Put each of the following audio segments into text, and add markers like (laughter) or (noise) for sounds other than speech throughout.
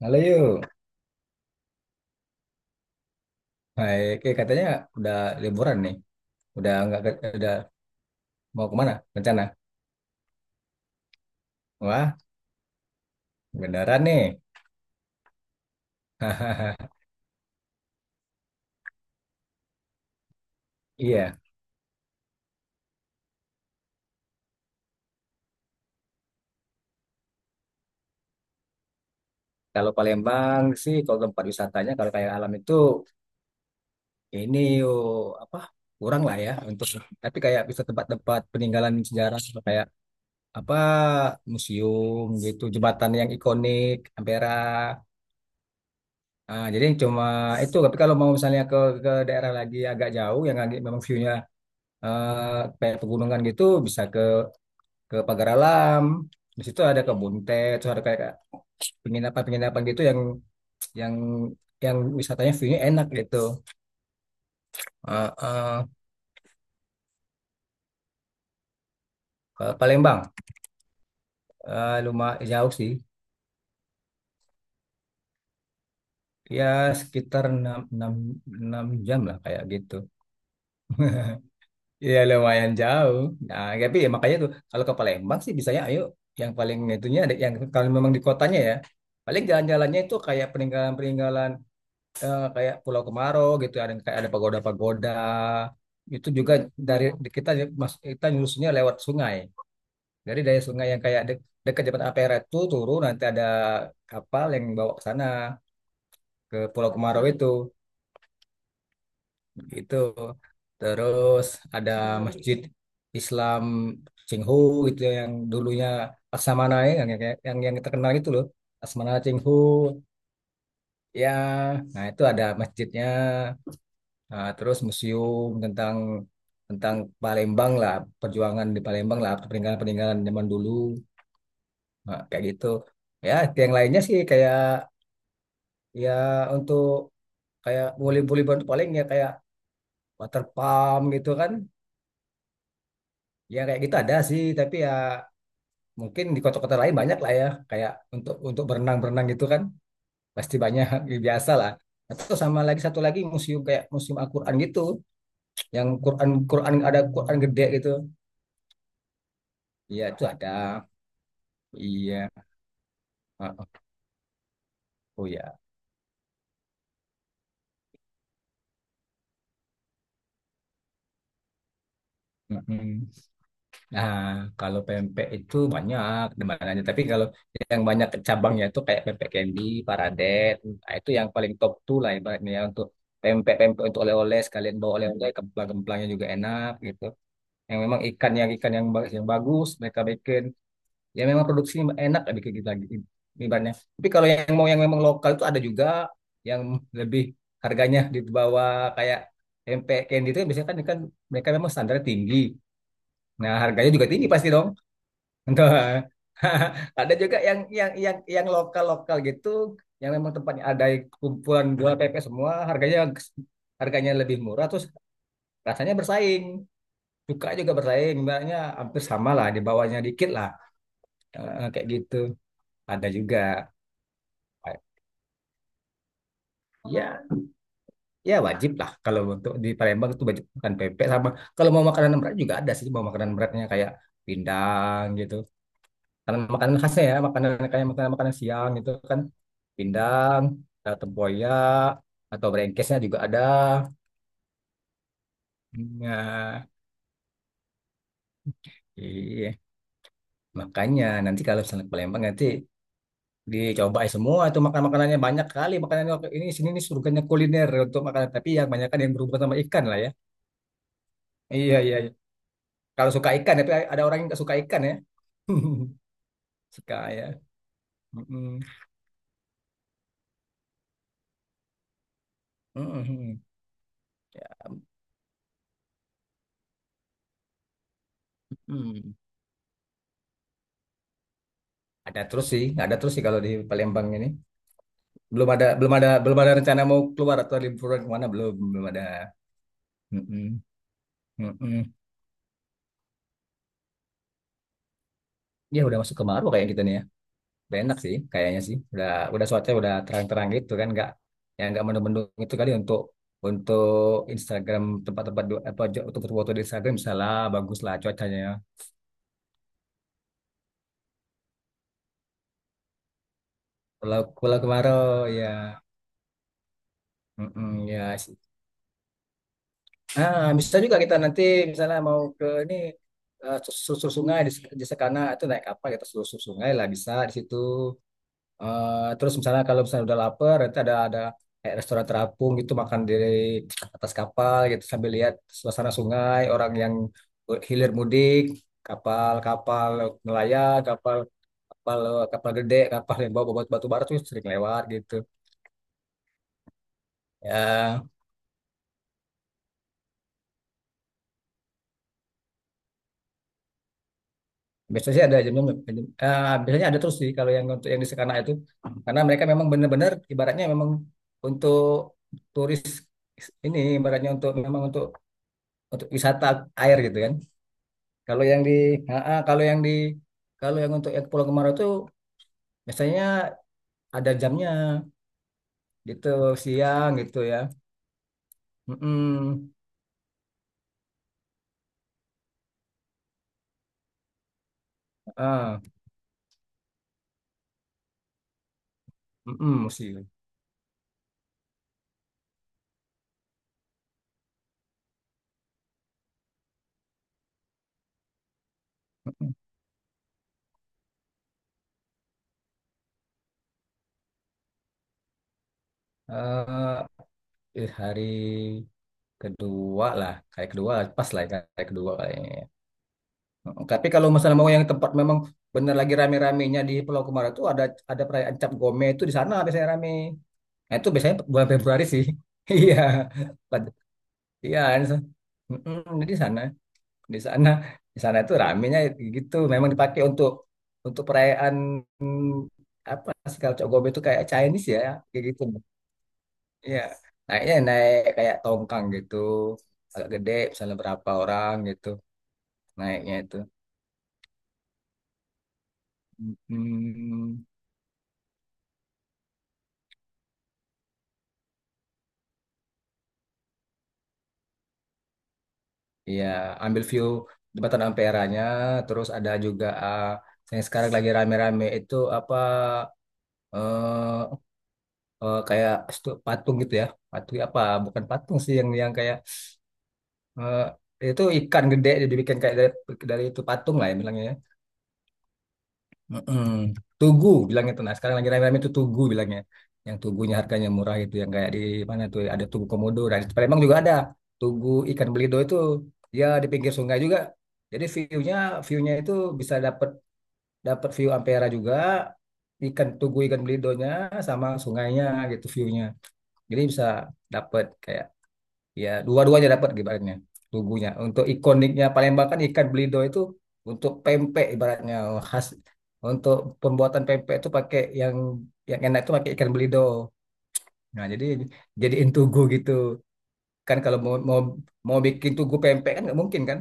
Halo yuk. Hai, oke, katanya udah liburan nih. Udah nggak udah mau kemana rencana? Wah, beneran nih. (laughs) Iya, kalau Palembang sih, kalau tempat wisatanya kalau kayak alam itu, ini yuk, apa, kurang lah ya untuk, tapi kayak bisa tempat-tempat peninggalan sejarah, kayak apa, museum gitu, jembatan yang ikonik, Ampera. Ah, jadi cuma itu, tapi kalau mau misalnya ke daerah lagi agak jauh yang agak memang view-nya, kayak pegunungan gitu bisa ke pagar alam, di situ ada kebun teh terus ada kayak penginapan penginapan gitu yang yang wisatanya view-nya enak gitu. Eh, eh, ke Palembang, lumayan jauh sih. Ya sekitar enam enam enam jam lah kayak gitu. Iya, lumayan jauh. Nah, tapi ya makanya tuh kalau ke Palembang sih bisanya ayo, yang paling itunya ada yang kalau memang di kotanya ya, paling jalan-jalannya itu kayak peninggalan-peninggalan, kayak Pulau Kemaro gitu, ada kayak ada pagoda-pagoda itu juga, dari kita mas kita nyusunnya lewat sungai, dari sungai yang kayak dekat Jembatan Ampera itu turun, nanti ada kapal yang bawa ke sana, ke Pulau Kemarau itu. Terus ada masjid Islam Cinghu gitu, yang dulunya Laksamana ya, yang terkenal itu loh, Laksamana Cinghu. Ya, nah itu ada masjidnya. Nah, terus museum tentang tentang Palembang lah, perjuangan di Palembang lah, peninggalan-peninggalan zaman dulu. Nah, kayak gitu. Ya, yang lainnya sih kayak, ya, untuk kayak boleh-boleh bantu paling ya kayak water pump gitu kan. Ya kayak gitu ada sih, tapi ya mungkin di kota-kota lain banyak lah ya, kayak untuk berenang-berenang gitu kan. Pasti banyak (laughs) ya, biasa lah. Atau sama lagi satu lagi museum, kayak museum Al-Qur'an gitu, yang Quran Quran ada Quran gede gitu. Iya, itu ada. Iya, oh oh oh ya. Mm-mm. Nah, kalau pempek itu banyak demandannya. Tapi kalau yang banyak cabangnya itu kayak pempek candy, Paradet, nah, itu yang paling top tuh lah ibaratnya ya, untuk pempek-pempek untuk oleh-oleh sekalian bawa oleh-oleh, kemplang-kemplangnya juga enak gitu. Yang memang ikan, yang ikan, yang yang bagus mereka bikin. Ya memang produksi enak, ada kayak gitu lagi ibaratnya, tapi kalau yang mau yang memang lokal itu ada juga, yang lebih harganya di bawah, kayak tempe candy itu kan biasanya kan mereka memang standar tinggi. Nah harganya juga tinggi pasti dong. Entah. (laughs) Ada juga yang lokal lokal gitu, yang memang tempatnya ada kumpulan jual pepes semua, harganya harganya lebih murah, terus rasanya bersaing. Suka juga bersaing misalnya hampir sama lah, di bawahnya dikit lah. Kayak gitu ada juga. Ya, ya wajib lah, kalau untuk di Palembang itu wajib makan pempek, sama kalau mau makanan berat juga ada sih, mau makanan beratnya kayak pindang gitu. Karena makanan khasnya ya, makanan kayak makanan makanan siang gitu kan, pindang, atau tempoyak atau brengkesnya juga ada. Nah, iya. Makanya nanti kalau misalnya ke Palembang nanti dicobain semua itu, makan makanannya banyak kali, makanannya ini sini, ini surganya kuliner untuk makanan, tapi yang banyak kan yang berhubungan sama ikan lah ya. Iya, iya, iya. Kalau suka ikan, tapi ada orang yang nggak suka ikan ya. (laughs) Suka ya. Mm-mm. Mm-mm. Ya. Hmm. Ada terus sih, nggak ada terus sih kalau di Palembang ini. Belum ada, belum ada, belum ada rencana mau keluar atau liburan kemana, belum, belum ada. Mm-mm. Mm-mm. Ya udah masuk kemarau kayak kita nih ya. Udah enak sih, kayaknya sih. Udah cuaca udah terang-terang gitu kan, nggak, ya nggak mendung-mendung itu kali, untuk Instagram, tempat-tempat apa, untuk foto-foto di Instagram bisa lah, bagus lah cuacanya. Kalau kalau kemarau ya. Mm-mm, ya sih. Ah, bisa juga kita nanti misalnya mau ke ini, eh, susur sungai di Sekana itu, naik kapal kita susur sungai lah bisa di situ. Terus misalnya, kalau misalnya udah lapar, nanti ada kayak restoran terapung gitu, makan di atas kapal gitu sambil lihat suasana sungai, orang yang hilir mudik, kapal-kapal nelayan, kapal kapal kapal gede, kapal yang bawa batu batu bara tuh sering lewat gitu. Ya, biasanya sih ada jamnya, biasanya ada terus sih kalau yang untuk yang di Sekana itu, karena mereka memang benar-benar ibaratnya memang untuk turis ini, ibaratnya untuk memang untuk wisata air gitu kan. Kalau yang di, kalau yang di, kalau yang untuk yang ke Pulau Kemarau itu biasanya ada jamnya gitu, siang gitu ya. Mm-mm. Ah, mm-mm, sih. eh Hari kedua lah, kayak kedua pas lah, kayak kedua kayaknya. Oh, tapi kalau misalnya mau yang tempat memang bener lagi rame-ramenya di Pulau Kumara itu, ada perayaan Cap Gome itu, di sana biasanya rame. Nah, itu biasanya bulan Februari sih. (laughs) Iya. Pad- Iya. Mm-mm. Jadi di sana, di sana, di sana itu ramenya gitu. Memang dipakai untuk perayaan, apa sih, kalau Cap Gome itu kayak Chinese ya, kayak gitu. Iya. Naiknya naik kayak tongkang gitu, agak gede, misalnya berapa orang gitu naiknya itu. Mm-mm. Iya, ambil view jembatan Ampera-nya, terus ada juga, yang sekarang lagi rame-rame itu apa, eh kayak patung gitu ya, patung ya apa? Bukan patung sih, yang kayak, eh, itu ikan gede dibikin kayak dari itu patung lah ya bilangnya, ya. Mm-mm. Tugu bilangnya tuh. Nah, sekarang lagi rame-rame itu Tugu bilangnya. Yang Tugunya harganya murah itu yang kayak di mana tuh ada Tugu Komodo. Nah, di Palembang juga ada Tugu ikan belido itu, ya di pinggir sungai juga. Jadi view-nya itu bisa dapat dapat view Ampera juga, ikan Tugu ikan belidonya sama sungainya gitu view-nya. Jadi bisa dapat kayak, ya dua-duanya dapat ibaratnya, tubuhnya untuk ikoniknya Palembang kan ikan belido itu, untuk pempek ibaratnya, oh, khas untuk pembuatan pempek itu pakai yang enak itu pakai ikan belido, nah jadi jadiin tugu gitu kan, kalau mau mau mau bikin tugu pempek kan nggak mungkin kan.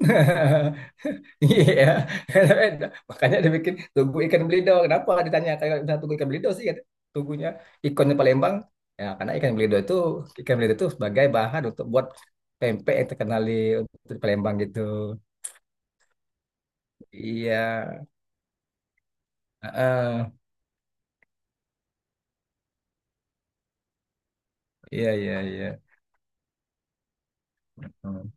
(laughs) Iya, (laughs) makanya dia bikin tugu ikan belido. Kenapa ditanya kayak misalnya tugu ikan belido sih? Kata, Tugunya ikonnya Palembang. Ya, karena ikan belido itu sebagai bahan untuk buat pempek yang terkenal di, untuk di Palembang gitu. Iya, heeh. Iya, iya, iya. Hmm.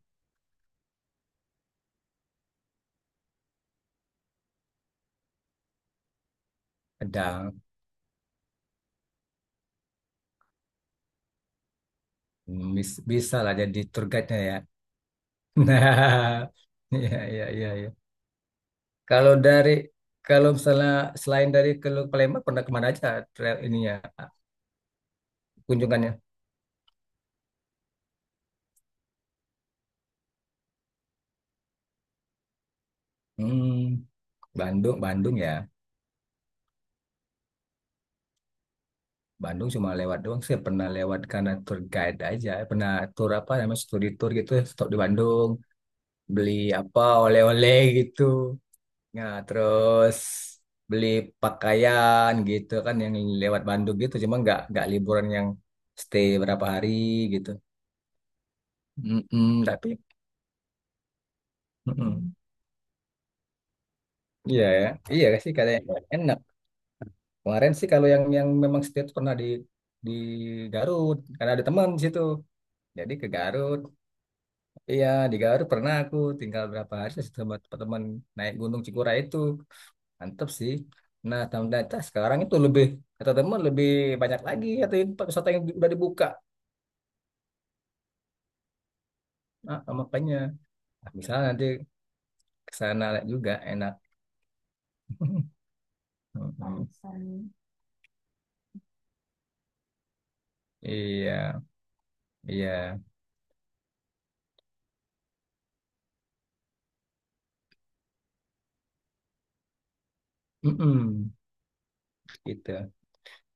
Pedang. Hmm, bisa lah jadi tour guide-nya ya. (laughs) Nah, iya, iya, iya, iya. Kalau dari, kalau misalnya selain dari ke Palembang pernah kemana aja trail ininya? Kunjungannya. Hmm, Bandung, Bandung ya. Bandung cuma lewat doang sih. Pernah lewat karena tour guide aja. Pernah tour apa namanya studi tour gitu. Stop di Bandung, beli apa oleh-oleh gitu. Nah, terus beli pakaian gitu kan yang lewat Bandung gitu. Cuma nggak liburan yang stay berapa hari gitu. Mm-mm, tapi mm-mm. Iya ya, iya sih katanya enak. Kemarin sih kalau yang memang stay tuh pernah di Garut karena ada teman di situ. Jadi ke Garut, iya di Garut pernah aku tinggal berapa hari sama teman-teman naik Gunung Cikura itu, mantep sih. Nah, ternyata sekarang itu lebih, kata teman, lebih banyak lagi atau tempat wisata yang udah dibuka. Nah, makanya nah, misalnya nanti ke sana juga enak. (laughs) Mm-mm. Iya, iya, mm-mm, gitu.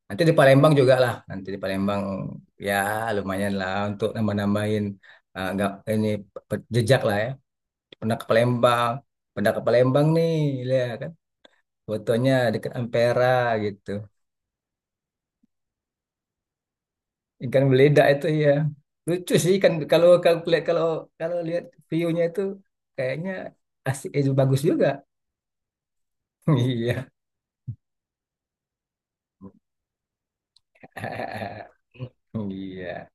Nanti di Palembang juga lah, nanti di Palembang ya lumayan lah untuk nambah-nambahin, nggak ini, jejak lah ya, pernah ke Palembang, pernah ke Palembang nih, lihat kan fotonya dekat Ampera gitu, ikan beledak itu ya. Lucu sih kan, kalau kalau lihat, kalau kalau lihat view-nya itu kayaknya asik, bagus juga. (laughs) Iya. (laughs) Iya.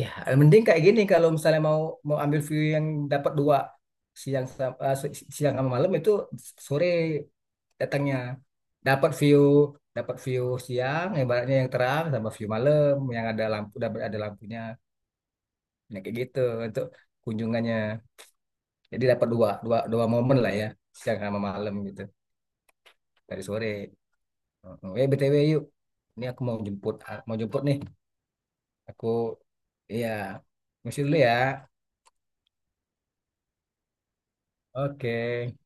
Ya, mending kayak gini kalau misalnya mau mau ambil view yang dapat dua, siang siang sama malam itu, sore datangnya, dapat view dapat view siang ibaratnya yang terang sama view malam yang ada lampu, dapat ada lampunya. Nah, kayak gitu untuk kunjungannya, jadi dapat dua dua dua momen lah ya, siang sama malam gitu, dari sore. Heeh. BTW yuk, ini aku mau jemput, mau jemput nih, aku, iya mesti dulu ya. Oke.